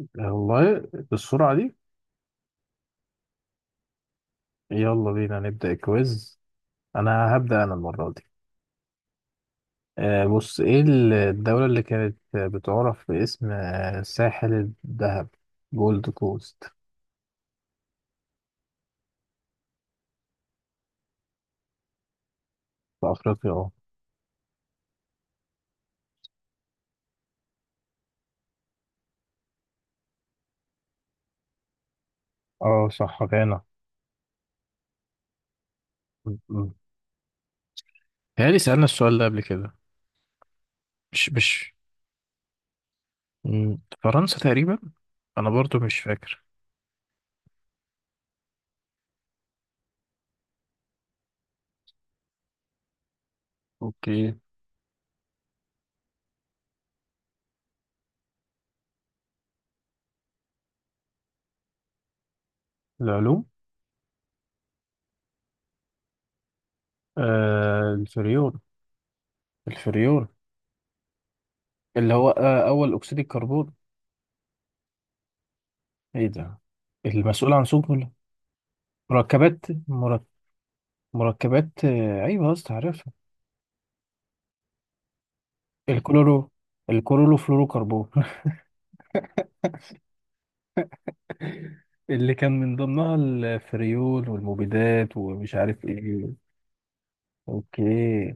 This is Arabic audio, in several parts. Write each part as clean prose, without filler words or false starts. والله بالسرعة دي. يلا بينا نبدأ الكويز. أنا هبدأ أنا المرة دي. بص إيه الدولة اللي كانت بتعرف باسم ساحل الذهب، جولد كوست؟ في أفريقيا. أه أه صح، غانا. م- م. تهيألي سألنا السؤال ده قبل كده. مش م، فرنسا تقريبا. أنا برضو مش فاكر. اوكي. العلوم. آه الفريون. الفريون اللي هو أول أكسيد الكربون. إيه ده المسؤول عن ثقب؟ مركبات مرك- مركبات، ايوه يا اسطى عارفها. الكلورو، الكلورو فلورو كربون. اللي كان من ضمنها الفريول والمبيدات ومش عارف ايه. اوكي.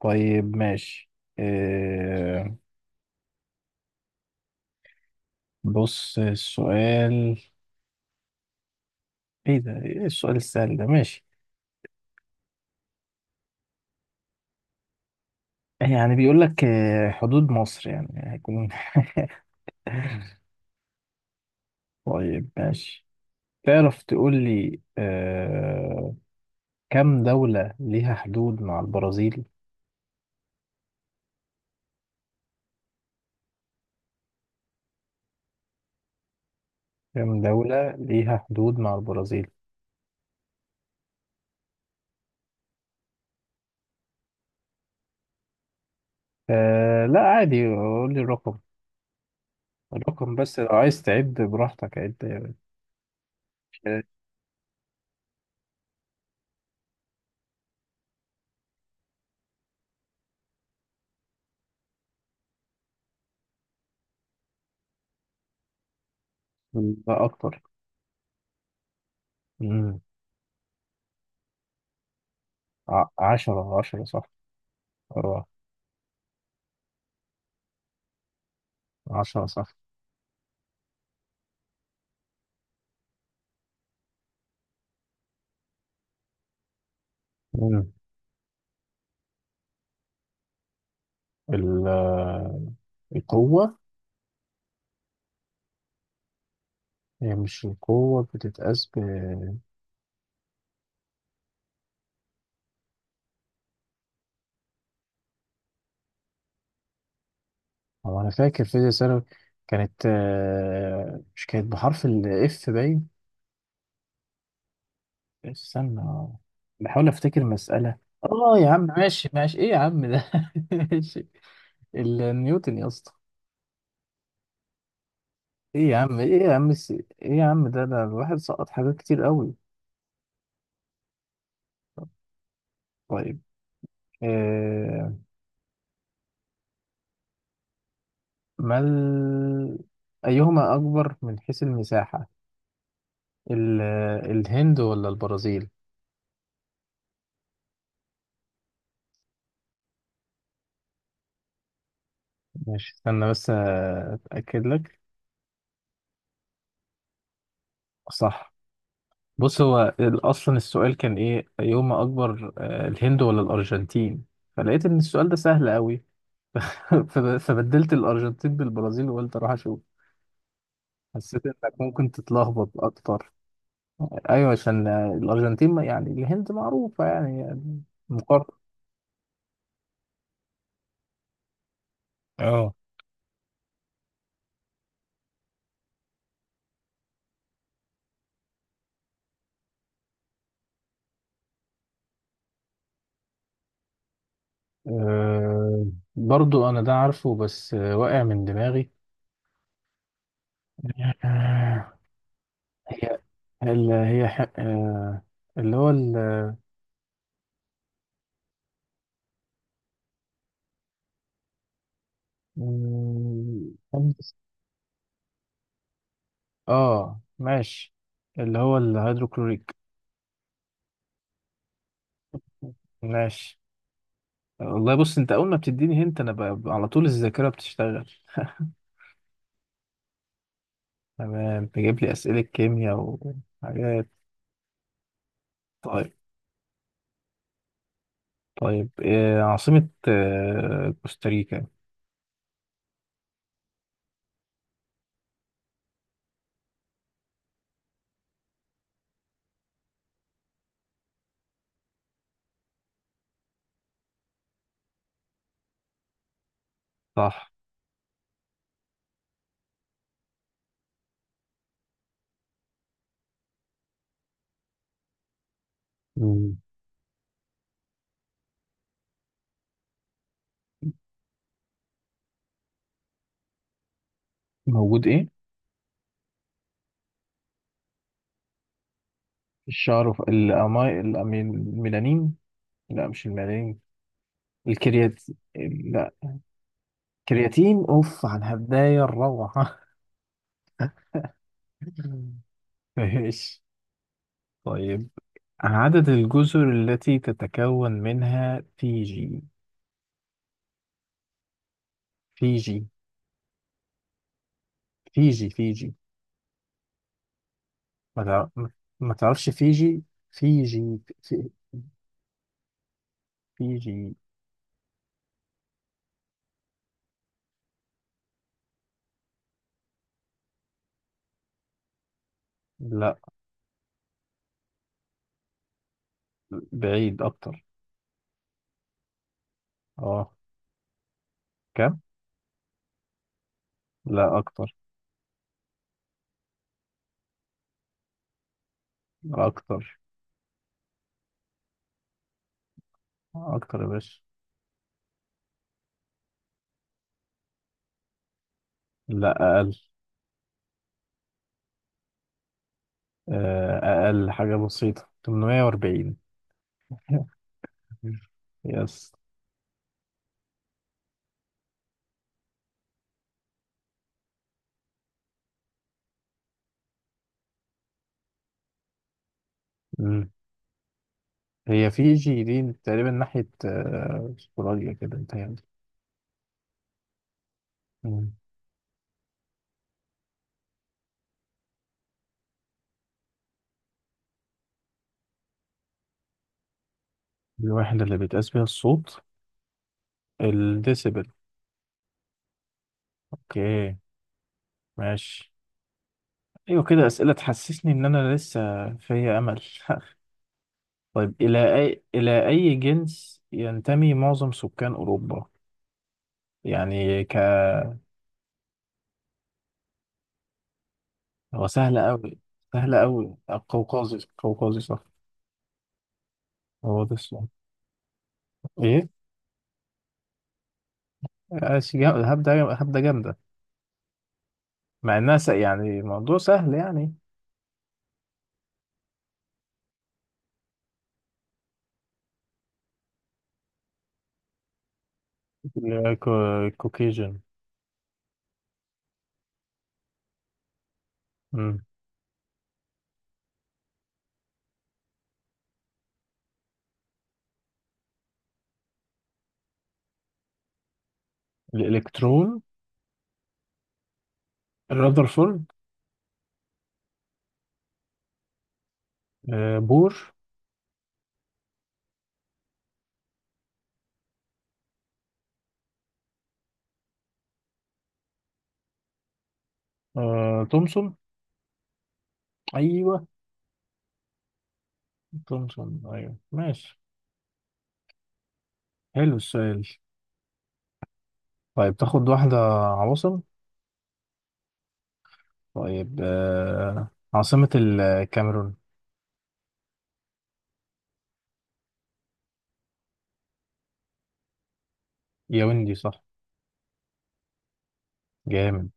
طيب ماشي. آه، بص السؤال. ايه ده، ايه السؤال السهل ده؟ ماشي. يعني بيقول لك حدود مصر يعني هيكون. طيب ماشي. تعرف تقول لي كم دولة ليها حدود مع البرازيل؟ كام دولة ليها حدود مع البرازيل؟ آه لا عادي، قول لي الرقم. الرقم، بس لو عايز تعد براحتك عد يا باشا. لا أكتر. مم. عشرة صح. اه عشرة صح. مم. ال- آه، القوة. هي مش القوة بتتقاس ب؟ هو أنا فاكر في ثانوي كانت مش كانت بحرف الإف باين؟ استنى بحاول أفتكر مسألة. اه يا عم ماشي، ايه يا عم ده؟ ماشي. النيوتن يا اسطى. ايه يا عم ايه يا عم ده الواحد سقط حاجات كتير قوي. طيب. آه. ما ال... ايهما اكبر من حيث المساحة، ال... الهند ولا البرازيل؟ ماشي استنى بس اتاكد لك. صح. بص هو اصلا السؤال كان ايه؟ ايهما اكبر الهند ولا الارجنتين؟ فلقيت ان السؤال ده سهل قوي. فبدلت الارجنتين بالبرازيل، وقلت اروح اشوف حسيت انك ممكن تتلخبط اكتر. ايوه عشان الارجنتين يعني الهند معروفه يعني. مقر. اه. أه برضو انا ده عارفه، بس واقع من دماغي. آه، هي ال- هي ح- آه، اللي هو ال. مم، خمس- اه ماشي. اللي هو الهيدروكلوريك. ماشي. والله بص، انت اول ما بتديني هنت انا على طول الذاكره بتشتغل. تمام، تجيب لي اسئله كيمياء وحاجات. طيب. طيب عاصمة كوستاريكا. صح. مم. موجود ايه؟ الشعر في الميلانين. لا مش الميلانين. الكريات. لا. كرياتين. اوف على الهدايا الروعة. ماشي. طيب. عدد الجزر التي تتكون منها فيجي. فيجي فيجي فيجي. ما ما تعرفش فيجي. فيجي في- فيجي. لا، بعيد اكتر. اه. لا اكتر. اكتر. اكتر يا باشا. لا اقل. اقل حاجه بسيطه، 840. يس. مم. هي فيجي دي تقريبا ناحيه استراليا كده انت يعني. مم. الوحده اللي بيتقاس بيها الصوت. الديسيبل. اوكي. ماشي. ايوه كده، اسئله تحسسني ان انا لسه فيا امل. طيب الى اي جنس ينتمي معظم سكان اوروبا؟ يعني ك. هو سهل أوي. سهل أوي. قوقازي صح. هو ده السؤال. إيه؟ هبدة جامدة، مع إنها يعني الموضوع سهل يعني. الكوكيجن. الإلكترون. الرذرفورد. بور. تومسون. أيوه. تومسون أيوه ماشي. حلو السؤال. طيب تاخد واحدة، عواصم. طيب عاصمة الكاميرون. ياوندي صح. جامد.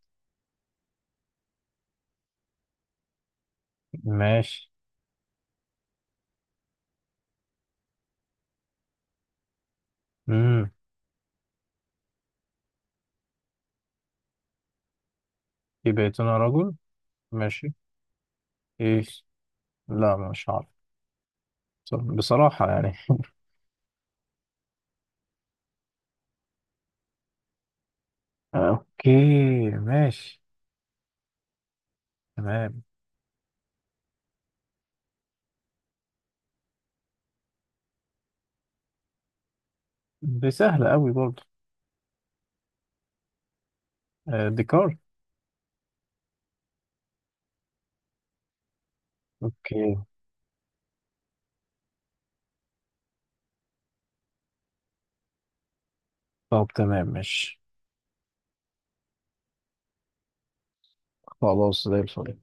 ماشي. امم. يبقى يا ترى رجل. ماشي. ايه؟ لا مش عارف. بصراحة يعني. اوكي. ماشي. تمام. دي سهلة قوي برضه. ديكار. اوكي. طب تمام ماشي. خلاص زي الفل.